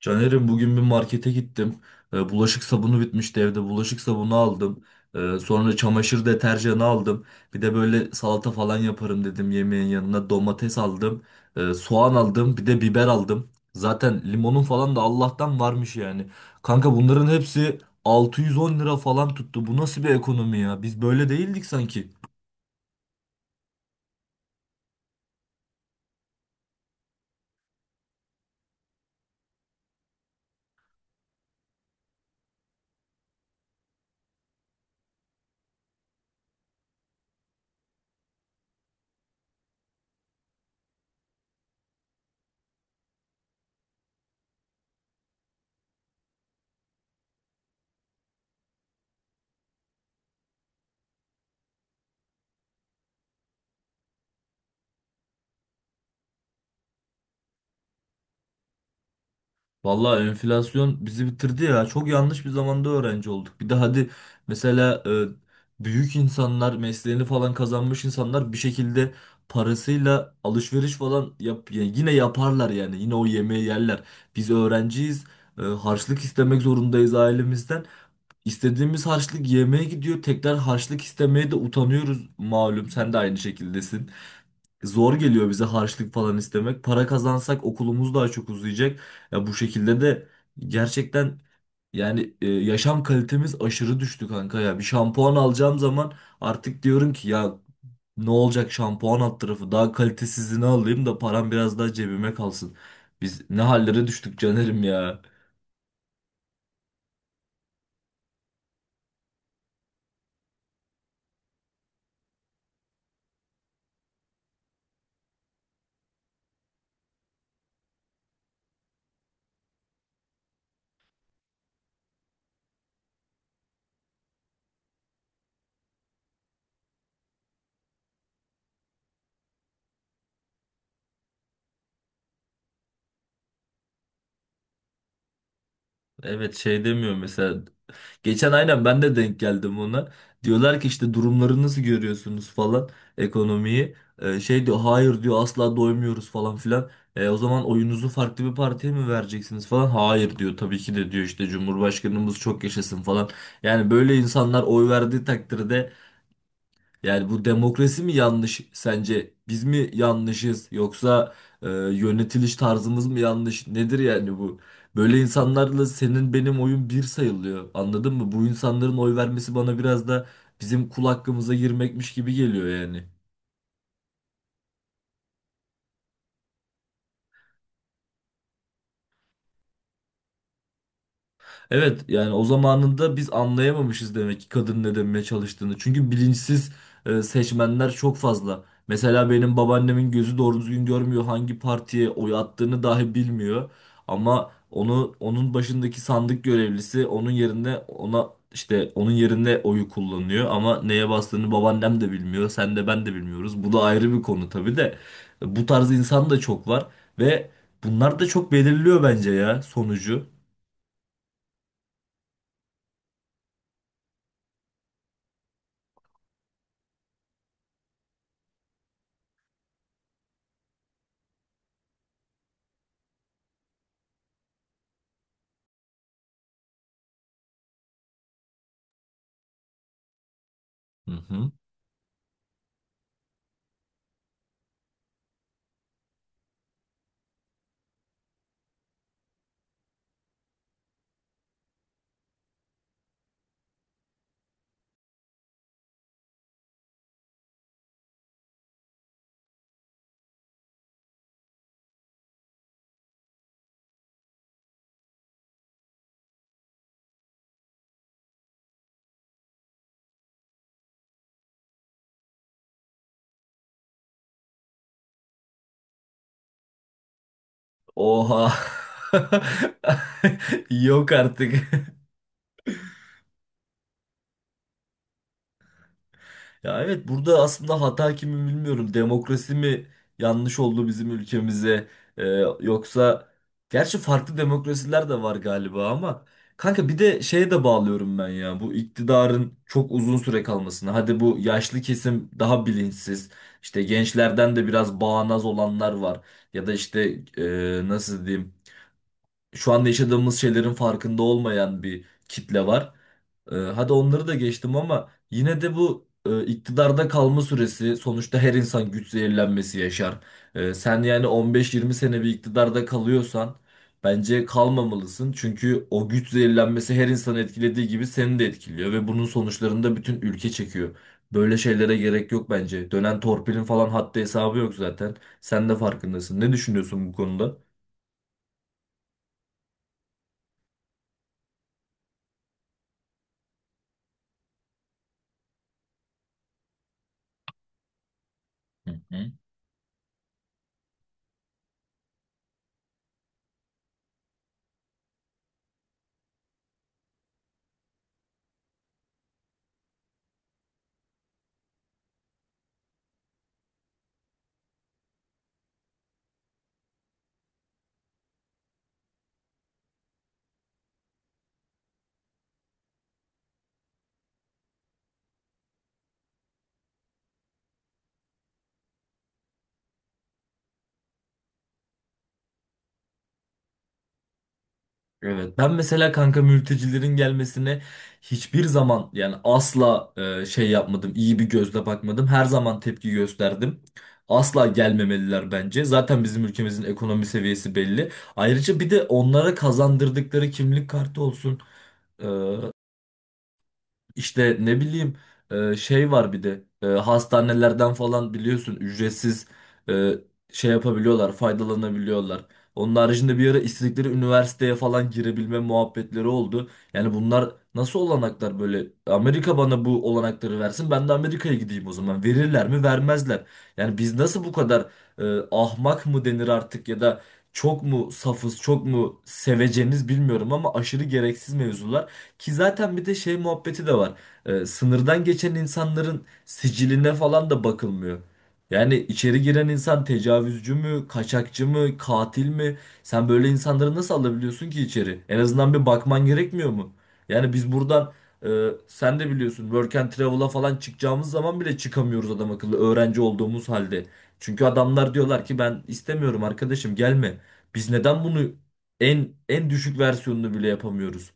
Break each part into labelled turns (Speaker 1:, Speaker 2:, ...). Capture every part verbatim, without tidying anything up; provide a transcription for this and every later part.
Speaker 1: Caner'im bugün bir markete gittim. E, bulaşık sabunu bitmişti evde. Bulaşık sabunu aldım. E, sonra çamaşır deterjanı aldım. Bir de böyle salata falan yaparım dedim yemeğin yanına. Domates aldım. E, soğan aldım. Bir de biber aldım. Zaten limonun falan da Allah'tan varmış yani. Kanka bunların hepsi 610 lira falan tuttu. Bu nasıl bir ekonomi ya? Biz böyle değildik sanki. Vallahi enflasyon bizi bitirdi ya. Çok yanlış bir zamanda öğrenci olduk. Bir de hadi mesela e, büyük insanlar, mesleğini falan kazanmış insanlar bir şekilde parasıyla alışveriş falan yap, ya yine yaparlar yani. Yine o yemeği yerler. Biz öğrenciyiz. E, harçlık istemek zorundayız ailemizden. İstediğimiz harçlık yemeğe gidiyor. Tekrar harçlık istemeye de utanıyoruz malum. Sen de aynı şekildesin. Zor geliyor bize harçlık falan istemek. Para kazansak okulumuz daha çok uzayacak. Ya bu şekilde de gerçekten yani e, yaşam kalitemiz aşırı düştü kanka ya. Bir şampuan alacağım zaman artık diyorum ki ya ne olacak şampuan alt tarafı daha kalitesizini alayım da param biraz daha cebime kalsın. Biz ne hallere düştük Caner'im ya. Evet şey demiyor mesela. Geçen aynen ben de denk geldim ona. Diyorlar ki işte durumları nasıl görüyorsunuz falan ekonomiyi. Ee, şey diyor hayır diyor asla doymuyoruz falan filan. E, o zaman oyunuzu farklı bir partiye mi vereceksiniz falan. Hayır diyor tabii ki de diyor işte Cumhurbaşkanımız çok yaşasın falan. Yani böyle insanlar oy verdiği takdirde yani bu demokrasi mi yanlış sence? Biz mi yanlışız yoksa e, yönetiliş tarzımız mı yanlış? Nedir yani bu? Böyle insanlarla senin benim oyun bir sayılıyor. Anladın mı? Bu insanların oy vermesi bana biraz da bizim kul hakkımıza girmekmiş gibi geliyor yani. Evet yani o zamanında biz anlayamamışız demek ki kadın ne demeye çalıştığını. Çünkü bilinçsiz e, seçmenler çok fazla. Mesela benim babaannemin gözü doğru düzgün görmüyor hangi partiye oy attığını dahi bilmiyor. Ama onu onun başındaki sandık görevlisi onun yerine ona işte onun yerine oyu kullanıyor ama neye bastığını babaannem de bilmiyor, sen de ben de bilmiyoruz. Bu da ayrı bir konu tabii de. Bu tarz insan da çok var ve bunlar da çok belirliyor bence ya sonucu. Hı hı. Oha. Yok artık. Ya evet burada aslında hata kimi bilmiyorum. Demokrasi mi yanlış oldu bizim ülkemize? Ee, Yoksa gerçi farklı demokrasiler de var galiba ama kanka bir de şeye de bağlıyorum ben ya. Bu iktidarın çok uzun süre kalmasına. Hadi bu yaşlı kesim daha bilinçsiz. İşte gençlerden de biraz bağnaz olanlar var. Ya da işte e, nasıl diyeyim? Şu anda yaşadığımız şeylerin farkında olmayan bir kitle var. Ee, hadi onları da geçtim ama yine de bu e, iktidarda kalma süresi sonuçta her insan güç zehirlenmesi yaşar. Ee, sen yani on beş yirmi sene sene bir iktidarda kalıyorsan bence kalmamalısın. Çünkü o güç zehirlenmesi her insanı etkilediği gibi seni de etkiliyor ve bunun sonuçlarını da bütün ülke çekiyor. Böyle şeylere gerek yok bence. Dönen torpilin falan haddi hesabı yok zaten. Sen de farkındasın. Ne düşünüyorsun bu konuda? Hı hı. Evet ben mesela kanka mültecilerin gelmesine hiçbir zaman yani asla e, şey yapmadım iyi bir gözle bakmadım her zaman tepki gösterdim. Asla gelmemeliler bence. Zaten bizim ülkemizin ekonomi seviyesi belli. Ayrıca bir de onlara kazandırdıkları kimlik kartı olsun. e, işte ne bileyim e, şey var bir de e, hastanelerden falan biliyorsun ücretsiz e, şey yapabiliyorlar, faydalanabiliyorlar. Onun haricinde bir ara istedikleri üniversiteye falan girebilme muhabbetleri oldu. Yani bunlar nasıl olanaklar böyle? Amerika bana bu olanakları versin, ben de Amerika'ya gideyim o zaman. Verirler mi? Vermezler. Yani biz nasıl bu kadar e, ahmak mı denir artık ya da çok mu safız, çok mu seveceniz bilmiyorum ama aşırı gereksiz mevzular. Ki zaten bir de şey muhabbeti de var. Ee, sınırdan geçen insanların siciline falan da bakılmıyor. Yani içeri giren insan tecavüzcü mü, kaçakçı mı, katil mi? Sen böyle insanları nasıl alabiliyorsun ki içeri? En azından bir bakman gerekmiyor mu? Yani biz buradan e, sen de biliyorsun work and travel'a falan çıkacağımız zaman bile çıkamıyoruz adam akıllı öğrenci olduğumuz halde. Çünkü adamlar diyorlar ki ben istemiyorum arkadaşım gelme. Biz neden bunu en en düşük versiyonunu bile yapamıyoruz?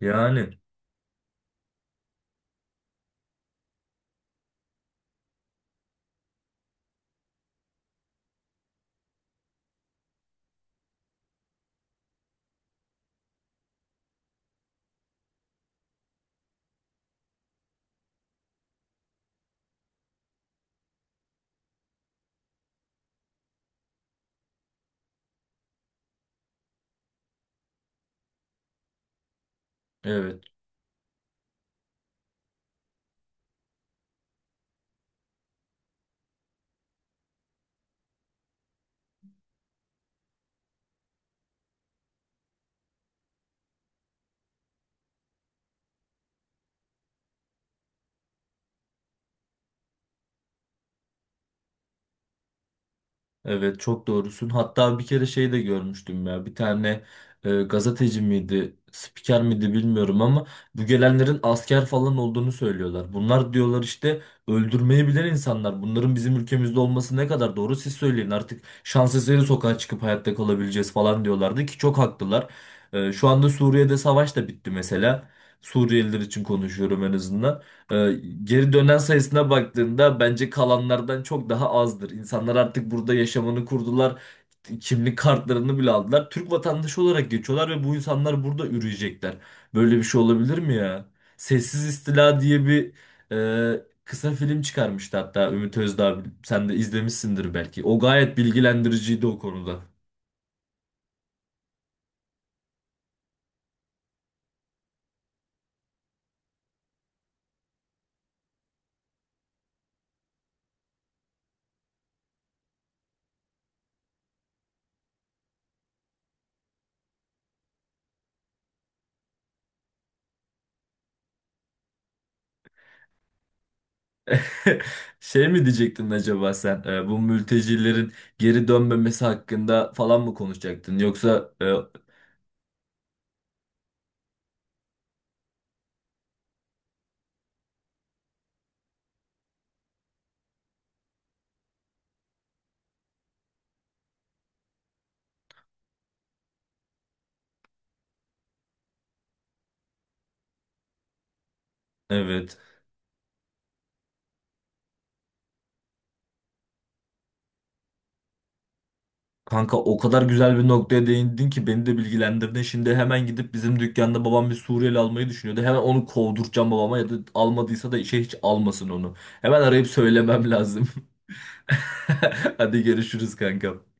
Speaker 1: Yani. Evet, evet çok doğrusun. Hatta bir kere şey de görmüştüm ya. Bir tane e, gazeteci miydi, spiker miydi bilmiyorum ama bu gelenlerin asker falan olduğunu söylüyorlar. Bunlar diyorlar işte öldürmeyi bilen insanlar. Bunların bizim ülkemizde olması ne kadar doğru siz söyleyin. Artık şans eseri sokağa çıkıp hayatta kalabileceğiz falan diyorlardı ki çok haklılar. E, şu anda Suriye'de savaş da bitti mesela. Suriyeliler için konuşuyorum en azından. Ee, Geri dönen sayısına baktığında bence kalanlardan çok daha azdır. İnsanlar artık burada yaşamını kurdular. Kimlik kartlarını bile aldılar. Türk vatandaşı olarak geçiyorlar ve bu insanlar burada üreyecekler. Böyle bir şey olabilir mi ya? Sessiz İstila diye bir e, kısa film çıkarmıştı hatta Ümit Özdağ. Sen de izlemişsindir belki. O gayet bilgilendiriciydi o konuda. Şey mi diyecektin acaba sen? Ee, bu mültecilerin geri dönmemesi hakkında falan mı konuşacaktın? Yoksa e, Evet. Kanka o kadar güzel bir noktaya değindin ki beni de bilgilendirdin. Şimdi hemen gidip bizim dükkanda babam bir Suriyeli almayı düşünüyordu. Hemen onu kovduracağım babama ya da almadıysa da işe hiç almasın onu. Hemen arayıp söylemem lazım. Hadi görüşürüz kanka.